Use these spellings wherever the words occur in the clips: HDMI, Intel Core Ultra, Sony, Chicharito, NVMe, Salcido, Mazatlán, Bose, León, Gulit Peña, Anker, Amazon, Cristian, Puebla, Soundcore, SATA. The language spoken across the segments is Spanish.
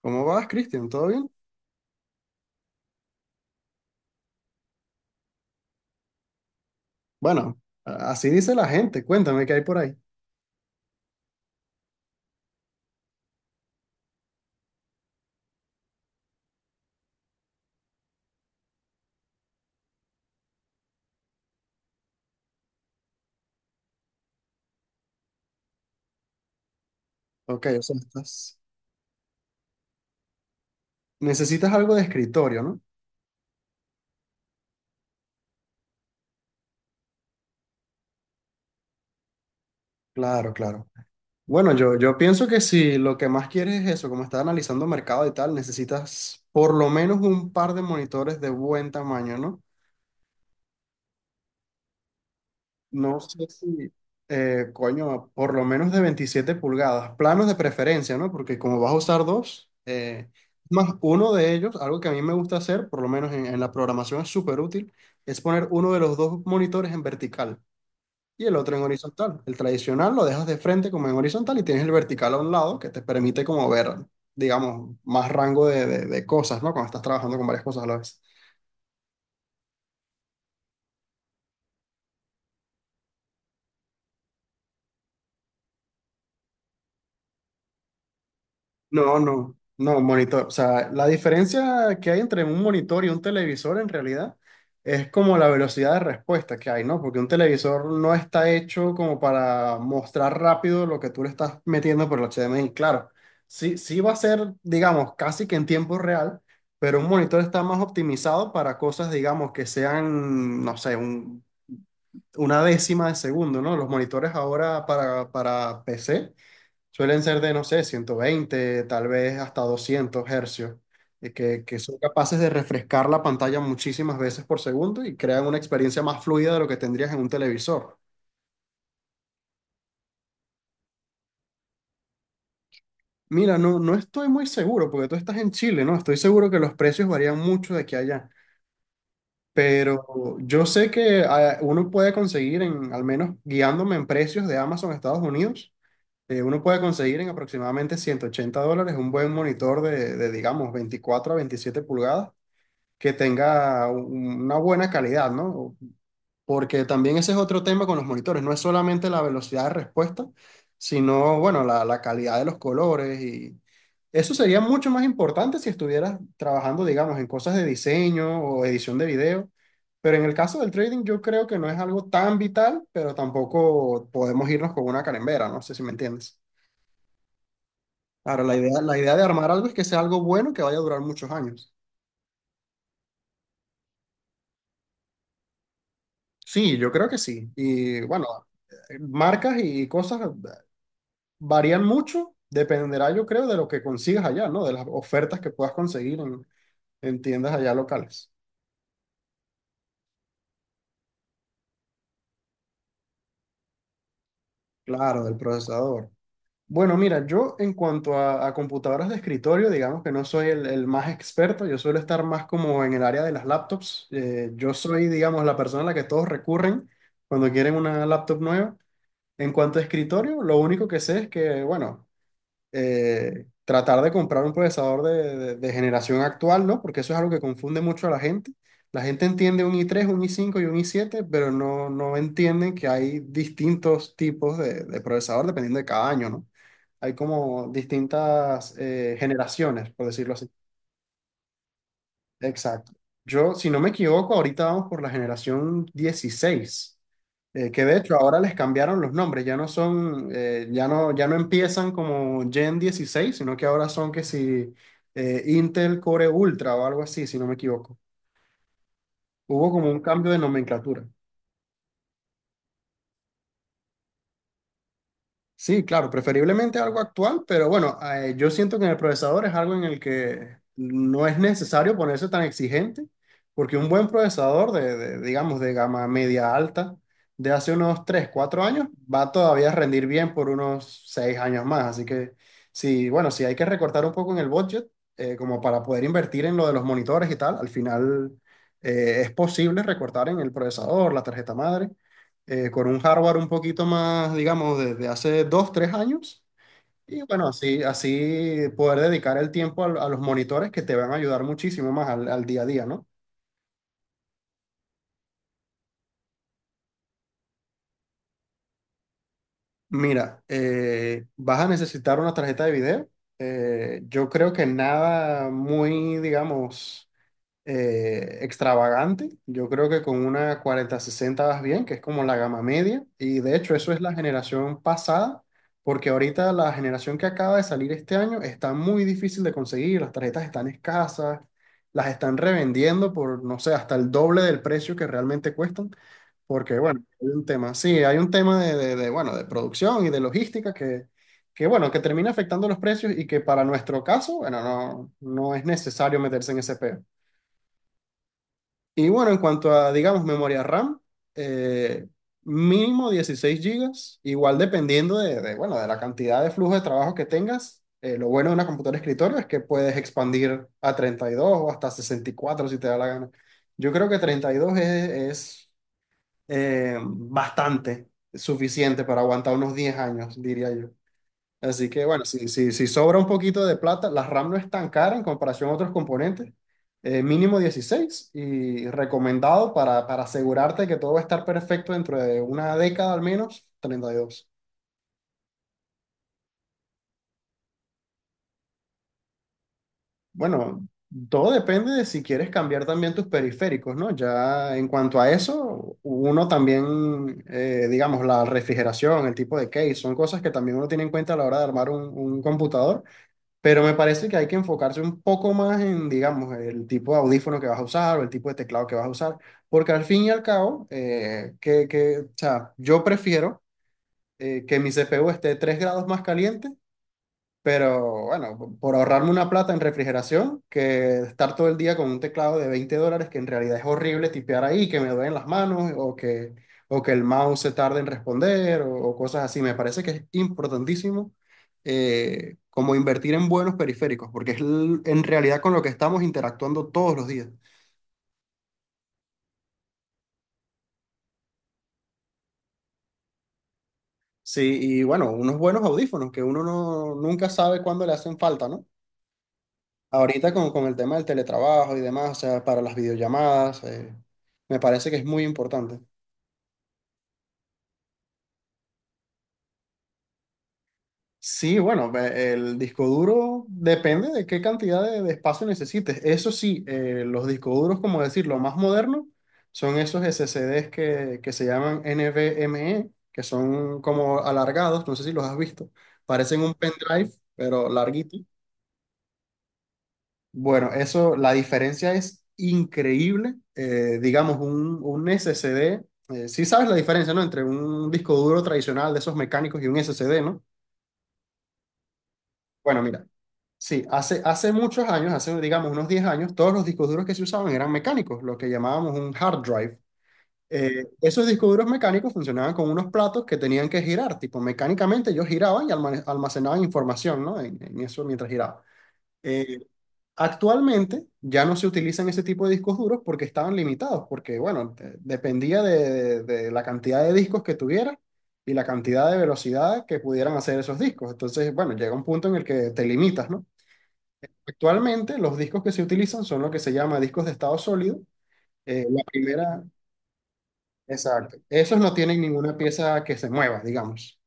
¿Cómo vas, Cristian? ¿Todo bien? Bueno, así dice la gente. Cuéntame qué hay por ahí. Ok, o sea, estás... necesitas algo de escritorio, ¿no? Claro, claro. Bueno, yo pienso que si lo que más quieres es eso, como estás analizando mercado y tal, necesitas por lo menos un par de monitores de buen tamaño, ¿no? No sé si, coño, por lo menos de 27 pulgadas, planos de preferencia, ¿no? Porque como vas a usar dos, más uno de ellos, algo que a mí me gusta hacer, por lo menos en la programación es súper útil, es poner uno de los dos monitores en vertical y el otro en horizontal. El tradicional lo dejas de frente como en horizontal y tienes el vertical a un lado que te permite como ver, digamos, más rango de, de cosas, ¿no? Cuando estás trabajando con varias cosas a la vez. No, no, no, monitor. O sea, la diferencia que hay entre un monitor y un televisor en realidad es como la velocidad de respuesta que hay, ¿no? Porque un televisor no está hecho como para mostrar rápido lo que tú le estás metiendo por el HDMI. Claro, sí, sí va a ser, digamos, casi que en tiempo real, pero un monitor está más optimizado para cosas, digamos, que sean, no sé, una décima de segundo, ¿no? Los monitores ahora para PC. Suelen ser de, no sé, 120 tal vez hasta 200 hercios, y que son capaces de refrescar la pantalla muchísimas veces por segundo y crean una experiencia más fluida de lo que tendrías en un televisor. Mira, no, no estoy muy seguro, porque tú estás en Chile, ¿no? Estoy seguro que los precios varían mucho de aquí a allá, pero yo sé que uno puede conseguir, en, al menos guiándome en precios de Amazon Estados Unidos, uno puede conseguir en aproximadamente 180 dólares un buen monitor de, digamos, 24 a 27 pulgadas que tenga una buena calidad, ¿no? Porque también ese es otro tema con los monitores, no es solamente la velocidad de respuesta, sino, bueno, la calidad de los colores y eso sería mucho más importante si estuvieras trabajando, digamos, en cosas de diseño o edición de video, pero en el caso del trading yo creo que no es algo tan vital, pero tampoco podemos irnos con una carembera, no sé si me entiendes. Ahora, la idea de armar algo es que sea algo bueno que vaya a durar muchos años. Sí, yo creo que sí. Y bueno, este, marcas y cosas varían mucho, dependerá yo creo de lo que consigas allá, ¿no? De las ofertas que puedas conseguir en tiendas allá locales. Claro, del procesador. Bueno, mira, yo en cuanto a computadoras de escritorio, digamos que no soy el más experto, yo suelo estar más como en el área de las laptops. Yo soy, digamos, la persona a la que todos recurren cuando quieren una laptop nueva. En cuanto a escritorio, lo único que sé es que, bueno, tratar de comprar un procesador de, de generación actual, ¿no? Porque eso es algo que confunde mucho a la gente. La gente entiende un i3, un i5 y un i7, pero no, no entienden que hay distintos tipos de procesador dependiendo de cada año, ¿no? Hay como distintas generaciones, por decirlo así. Exacto. Yo, si no me equivoco, ahorita vamos por la generación 16. Que de hecho ahora les cambiaron los nombres, ya no son, ya no empiezan como Gen 16, sino que ahora son que si Intel Core Ultra o algo así, si no me equivoco. Hubo como un cambio de nomenclatura. Sí, claro, preferiblemente algo actual, pero bueno, yo siento que en el procesador es algo en el que no es necesario ponerse tan exigente, porque un buen procesador de, digamos, de gama media alta de hace unos 3, 4 años va todavía a rendir bien por unos 6 años más. Así que sí, bueno, si hay que recortar un poco en el budget, como para poder invertir en lo de los monitores y tal, al final es posible recortar en el procesador, la tarjeta madre con un hardware un poquito más, digamos, desde hace dos, tres años. Y bueno, así, así poder dedicar el tiempo a, los monitores que te van a ayudar muchísimo más al, al día a día, ¿no? Mira, vas a necesitar una tarjeta de video. Yo creo que nada muy, digamos extravagante. Yo creo que con una cuarenta sesenta vas bien, que es como la gama media. Y de hecho, eso es la generación pasada, porque ahorita la generación que acaba de salir este año está muy difícil de conseguir. Las tarjetas están escasas, las están revendiendo por, no sé, hasta el doble del precio que realmente cuestan. Porque, bueno, hay un tema, sí, hay un tema de, bueno, de producción y de logística que. Que bueno, que termina afectando los precios y que para nuestro caso, bueno, no, no es necesario meterse en ese peo. Y bueno, en cuanto a, digamos, memoria RAM, eh, mínimo 16 gigas igual dependiendo de, bueno, de la cantidad de flujo de trabajo que tengas. Lo bueno de una computadora de escritorio es que puedes expandir a 32 o hasta 64 si te da la gana. Yo creo que 32 es bastante suficiente para aguantar unos 10 años, diría yo. Así que bueno, si sobra un poquito de plata, la RAM no es tan cara en comparación a otros componentes, mínimo 16 y recomendado para asegurarte que todo va a estar perfecto dentro de una década al menos, treinta y dos. Bueno, todo depende de si quieres cambiar también tus periféricos, ¿no? Ya en cuanto a eso, uno también, digamos, la refrigeración, el tipo de case, son cosas que también uno tiene en cuenta a la hora de armar un computador. Pero me parece que hay que enfocarse un poco más en, digamos, el tipo de audífono que vas a usar o el tipo de teclado que vas a usar, porque al fin y al cabo, o sea, yo prefiero que mi CPU esté 3 grados más caliente, pero bueno, por ahorrarme una plata en refrigeración, que estar todo el día con un teclado de 20 dólares, que en realidad es horrible tipear ahí, que me duelen las manos o que el mouse se tarde en responder o cosas así. Me parece que es importantísimo como invertir en buenos periféricos, porque es en realidad con lo que estamos interactuando todos los días. Sí, y bueno, unos buenos audífonos que uno no, nunca sabe cuándo le hacen falta, ¿no? Ahorita con el tema del teletrabajo y demás, o sea, para las videollamadas, me parece que es muy importante. Sí, bueno, el disco duro depende de qué cantidad de espacio necesites. Eso sí, los discos duros, como decir, lo más moderno, son esos SSDs que se llaman NVMe, que son como alargados, no sé si los has visto. Parecen un pendrive, pero larguito. Bueno, eso, la diferencia es increíble. Digamos, un SSD, sí sabes la diferencia, ¿no? Entre un disco duro tradicional de esos mecánicos y un SSD, ¿no? Bueno, mira, sí, hace, hace muchos años, hace, digamos, unos 10 años, todos los discos duros que se usaban eran mecánicos, lo que llamábamos un hard drive. Esos discos duros mecánicos funcionaban con unos platos que tenían que girar, tipo, mecánicamente ellos giraban y almacenaban información, ¿no? En eso mientras giraban. Eh, Actualmente ya no se utilizan ese tipo de discos duros porque estaban limitados, porque bueno, dependía de la cantidad de discos que tuviera y la cantidad de velocidad que pudieran hacer esos discos. Entonces, bueno, llega un punto en el que te limitas, ¿no? Actualmente los discos que se utilizan son lo que se llama discos de estado sólido. Eh, la primera, exacto. Esos no tienen ninguna pieza que se mueva, digamos.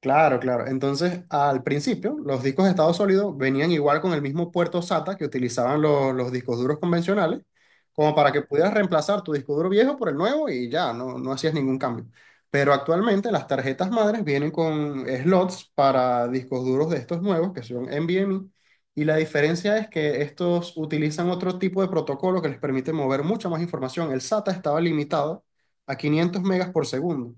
Claro, claro. Entonces, al principio, los discos de estado sólido venían igual con el mismo puerto SATA que utilizaban los, discos duros convencionales, como para que pudieras reemplazar tu disco duro viejo por el nuevo y ya, no, no hacías ningún cambio. Pero actualmente las tarjetas madres vienen con slots para discos duros de estos nuevos, que son NVMe, y la diferencia es que estos utilizan otro tipo de protocolo que les permite mover mucha más información. El SATA estaba limitado a 500 megas por segundo.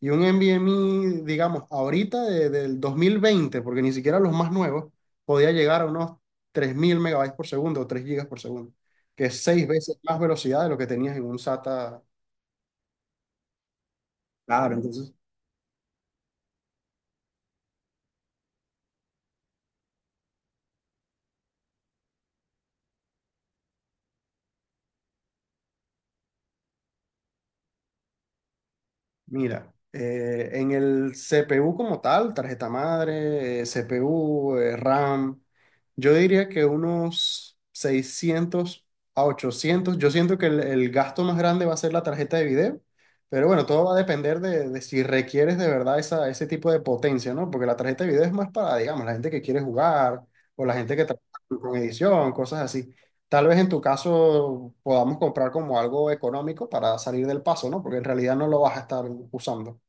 Y un NVMe, digamos, ahorita del dos mil veinte, porque ni siquiera los más nuevos, podía llegar a unos 3.000 megabytes por segundo o 3 gigas por segundo, que es seis veces más velocidad de lo que tenías en un SATA. Claro, entonces... Mira, en el CPU como tal, tarjeta madre, CPU, RAM, yo diría que unos 600 a 800. Yo siento que el gasto más grande va a ser la tarjeta de video, pero bueno, todo va a depender de si requieres de verdad esa, ese tipo de potencia, ¿no? Porque la tarjeta de video es más para, digamos, la gente que quiere jugar o la gente que trabaja con edición, cosas así. Tal vez en tu caso podamos comprar como algo económico para salir del paso, ¿no? Porque en realidad no lo vas a estar usando.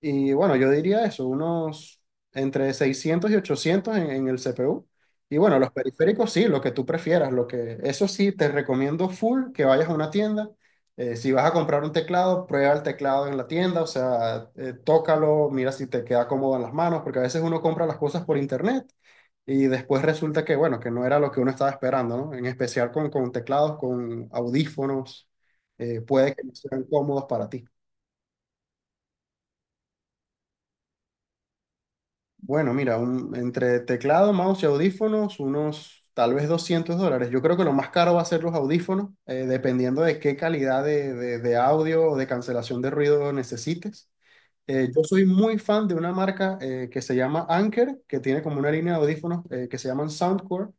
Y bueno, yo diría eso, unos entre 600 y 800 en el CPU. Y bueno, los periféricos sí, lo que tú prefieras, lo que eso sí te recomiendo full que vayas a una tienda. Si vas a comprar un teclado, prueba el teclado en la tienda, o sea, tócalo, mira si te queda cómodo en las manos, porque a veces uno compra las cosas por internet y después resulta que, bueno, que no era lo que uno estaba esperando, ¿no? En especial con teclados, con audífonos, puede que no sean cómodos para ti. Bueno, mira, entre teclado, mouse y audífonos, unos tal vez 200 dólares. Yo creo que lo más caro va a ser los audífonos, dependiendo de qué calidad de, de audio o de cancelación de ruido necesites. Yo soy muy fan de una marca que se llama Anker, que tiene como una línea de audífonos que se llaman Soundcore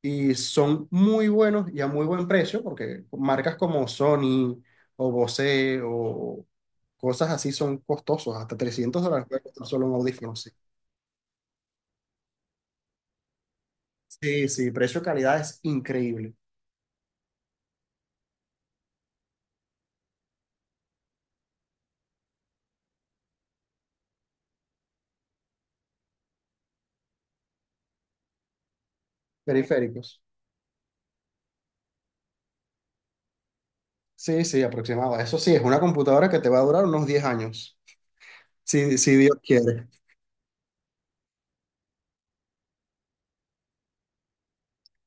y son muy buenos y a muy buen precio, porque marcas como Sony o Bose o cosas así son costosos, hasta 300 dólares puede costar solo un audífono, sí. Sí, sí, precio-calidad es increíble. Periféricos. Sí, sí, aproximado. Eso sí, es una computadora que te va a durar unos 10 años, si, si Dios quiere.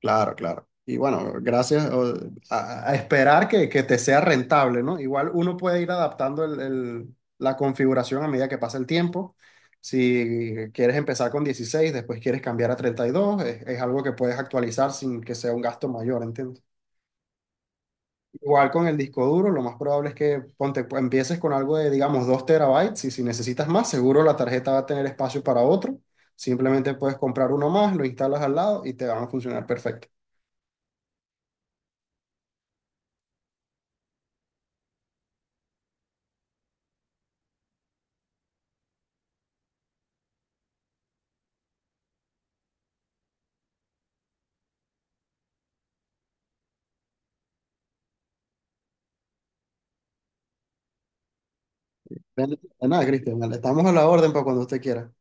Claro, claro. Y bueno, gracias a esperar que te sea rentable, ¿no? Igual uno puede ir adaptando la configuración a medida que pasa el tiempo. Si quieres empezar con 16, después quieres cambiar a 32, es algo que puedes actualizar sin que sea un gasto mayor, ¿entiendes? Igual con el disco duro, lo más probable es que ponte, pues, empieces con algo de, digamos, 2 terabytes y si necesitas más, seguro la tarjeta va a tener espacio para otro. Simplemente puedes comprar uno más, lo instalas al lado y te van a funcionar perfecto. Ven- De nada, Cristian, vale, estamos a la orden para cuando usted quiera.